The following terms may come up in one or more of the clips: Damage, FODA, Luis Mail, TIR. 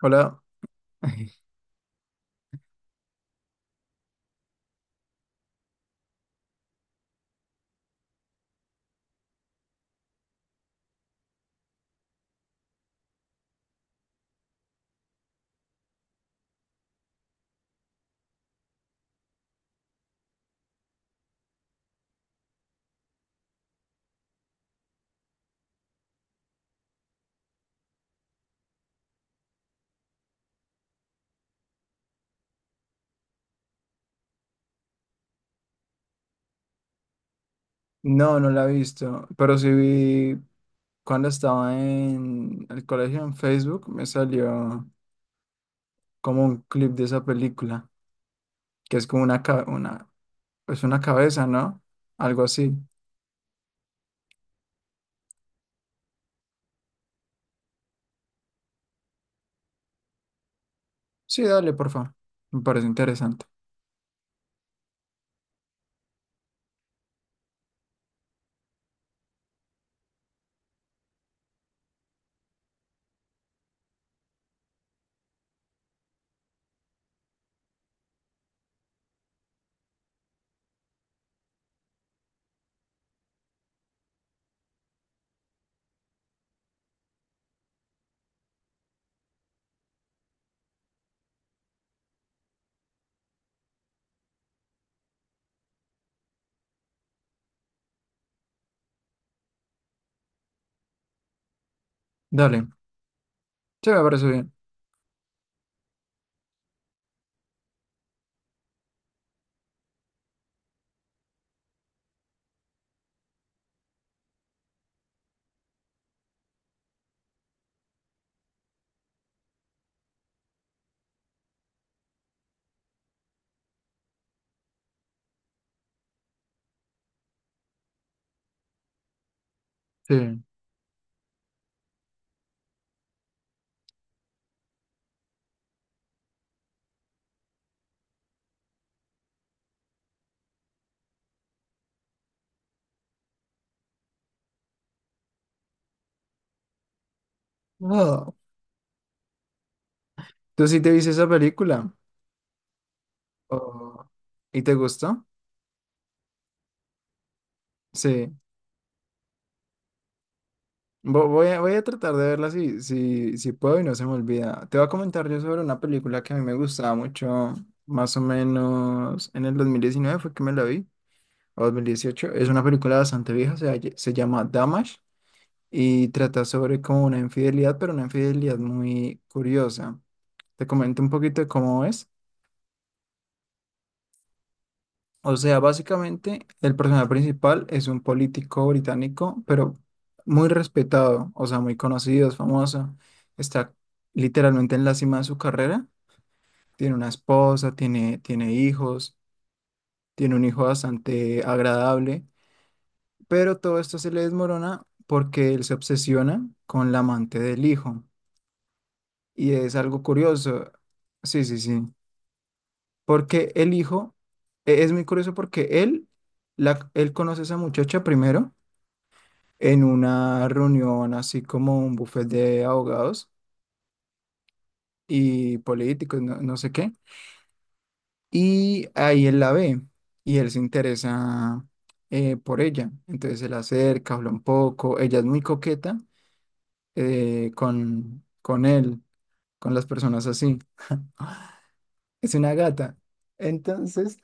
Hola. No, no la he visto, pero sí vi cuando estaba en el colegio en Facebook, me salió como un clip de esa película, que es como una, pues una cabeza, ¿no? Algo así. Sí, dale, por favor. Me parece interesante. Dale. Sí, me parece bien. Sí. Wow. ¿Tú sí te viste esa película? Oh, ¿y te gustó? Sí. Voy a tratar de verla si puedo y no se me olvida. Te voy a comentar yo sobre una película que a mí me gustaba mucho, más o menos en el 2019 fue que me la vi, o 2018. Es una película bastante vieja, se llama Damage y trata sobre como una infidelidad, pero una infidelidad muy curiosa. Te comento un poquito de cómo es. O sea, básicamente el personaje principal es un político británico, pero muy respetado, o sea, muy conocido, es famoso. Está literalmente en la cima de su carrera. Tiene una esposa, tiene hijos, tiene un hijo bastante agradable, pero todo esto se le desmorona porque él se obsesiona con la amante del hijo. Y es algo curioso. Sí, sí, sí. Porque el hijo, es muy curioso porque él conoce a esa muchacha primero en una reunión así como un buffet de abogados y políticos, no, no sé qué. Y ahí él la ve y él se interesa por ella. Entonces se la acerca, habla un poco. Ella es muy coqueta, con él, con las personas así. Ah, es una gata. Entonces,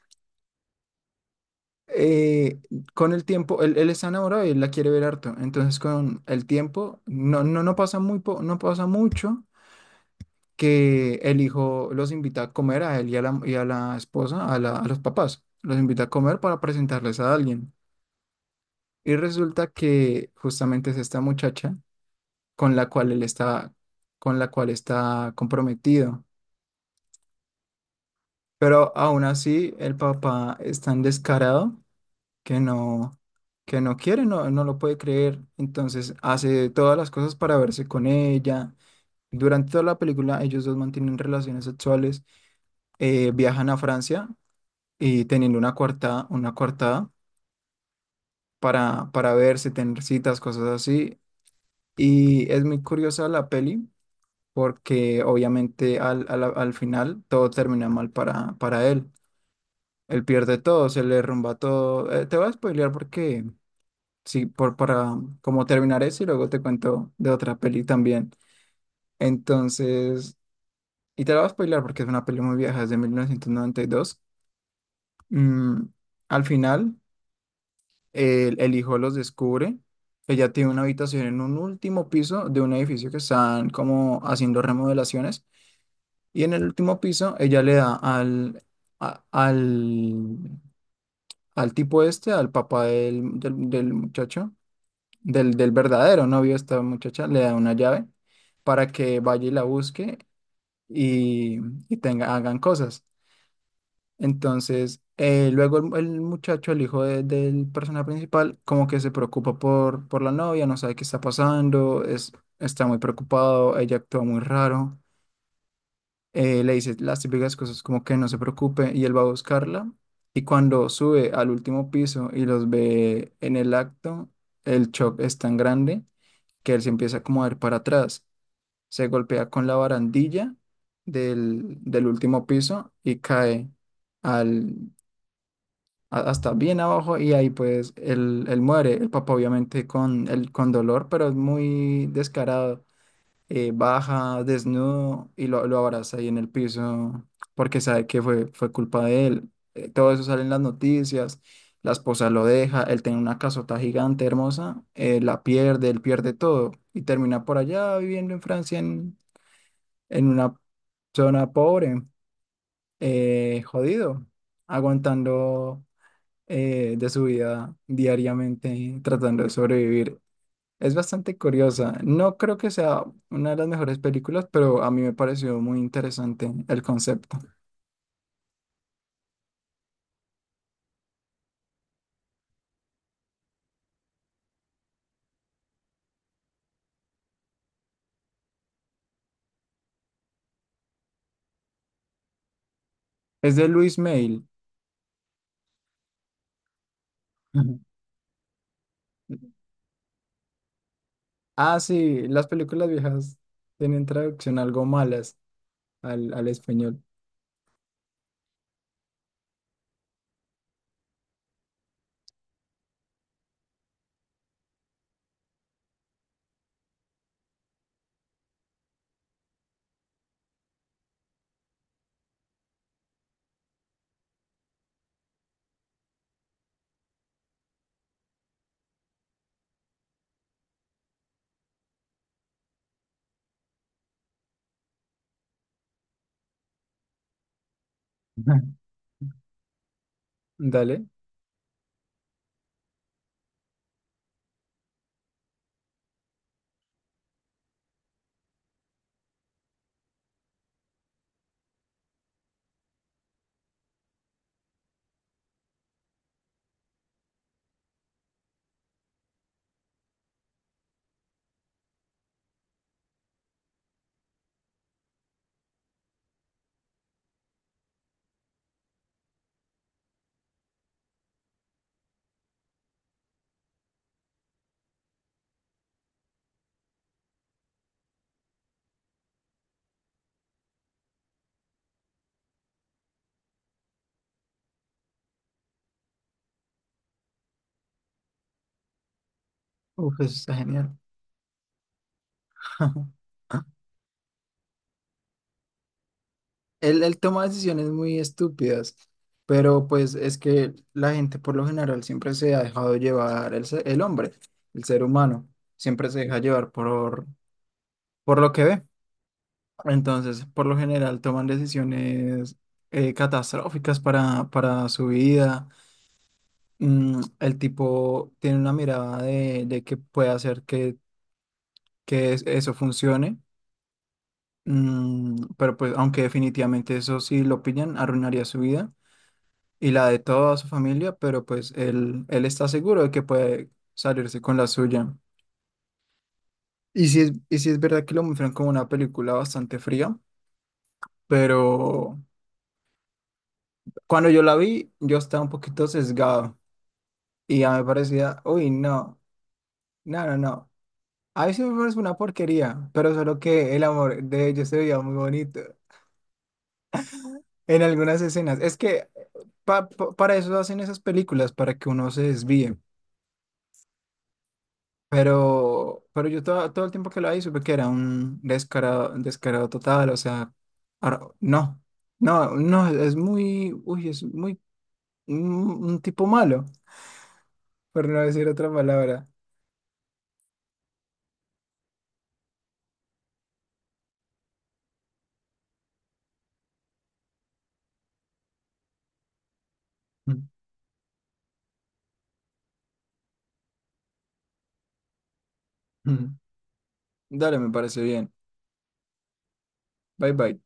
eh, con el tiempo, él está enamorado y él la quiere ver harto. Entonces, con el tiempo, no pasa mucho que el hijo los invita a comer a él y a la esposa, a los papás. Los invita a comer para presentarles a alguien. Y resulta que justamente es esta muchacha con la cual él está, con la cual está comprometido. Pero aún así, el papá es tan descarado que no quiere, no lo puede creer. Entonces hace todas las cosas para verse con ella. Durante toda la película, ellos dos mantienen relaciones sexuales, viajan a Francia y teniendo una coartada para verse, tener citas, cosas así. Y es muy curiosa la peli porque obviamente al final todo termina mal para él. Él pierde todo, se le derrumba todo. Te voy a spoilear porque sí, para como terminar eso y luego te cuento de otra peli también. Entonces, y te la voy a spoilear porque es una peli muy vieja, es de 1992. Mm, al final, el hijo los descubre. Ella tiene una habitación en un último piso de un edificio que están como haciendo remodelaciones. Y en el último piso, ella le da a- al, al tipo este, al papá del muchacho, del verdadero novio de esta muchacha, le da una llave para que vaya y la busque y, y, hagan cosas. Entonces, luego el muchacho, el hijo del personaje principal, como que se preocupa por la novia, no sabe qué está pasando, está muy preocupado, ella actúa muy raro. Le dice las típicas cosas como que no se preocupe, y él va a buscarla, y cuando sube al último piso y los ve en el acto, el shock es tan grande que él se empieza como a ir para atrás, se golpea con la barandilla del último piso y cae hasta bien abajo, y ahí pues él muere. El papá obviamente con dolor, pero es muy descarado, baja desnudo y lo abraza ahí en el piso porque sabe que fue culpa de él. Todo eso sale en las noticias, la esposa lo deja, él tiene una casota gigante, hermosa, la pierde, él pierde todo y termina por allá viviendo en Francia, en una zona pobre, jodido, aguantando, de su vida diariamente tratando de sobrevivir. Es bastante curiosa. No creo que sea una de las mejores películas, pero a mí me pareció muy interesante el concepto. Es de Luis Mail. Ujú. Ah, sí, las películas viejas tienen traducción algo malas al español. Dale. Uf, eso está genial. Él toma decisiones muy estúpidas, pero pues es que la gente por lo general siempre se ha dejado llevar, el hombre, el ser humano, siempre se deja llevar por lo que ve. Entonces, por lo general toman decisiones, catastróficas para su vida. El tipo tiene una mirada de que puede hacer que eso funcione. Pero pues aunque definitivamente eso sí lo pillan, arruinaría su vida y la de toda su familia, pero pues él está seguro de que puede salirse con la suya. Y sí es verdad que lo muestran como una película bastante fría, pero cuando yo la vi, yo estaba un poquito sesgado y ya me parecía, uy, no, no, no, no. A mí sí me parece una porquería, pero solo que el amor de ellos se veía muy bonito en algunas escenas. Es que para eso hacen esas películas, para que uno se desvíe. Pero yo todo el tiempo que lo ahí supe que era un descarado, descarado total, o sea, no, no, no, es muy, uy, es muy, un tipo malo, por no decir otra palabra. Ujú. Dale, me parece bien. Bye bye.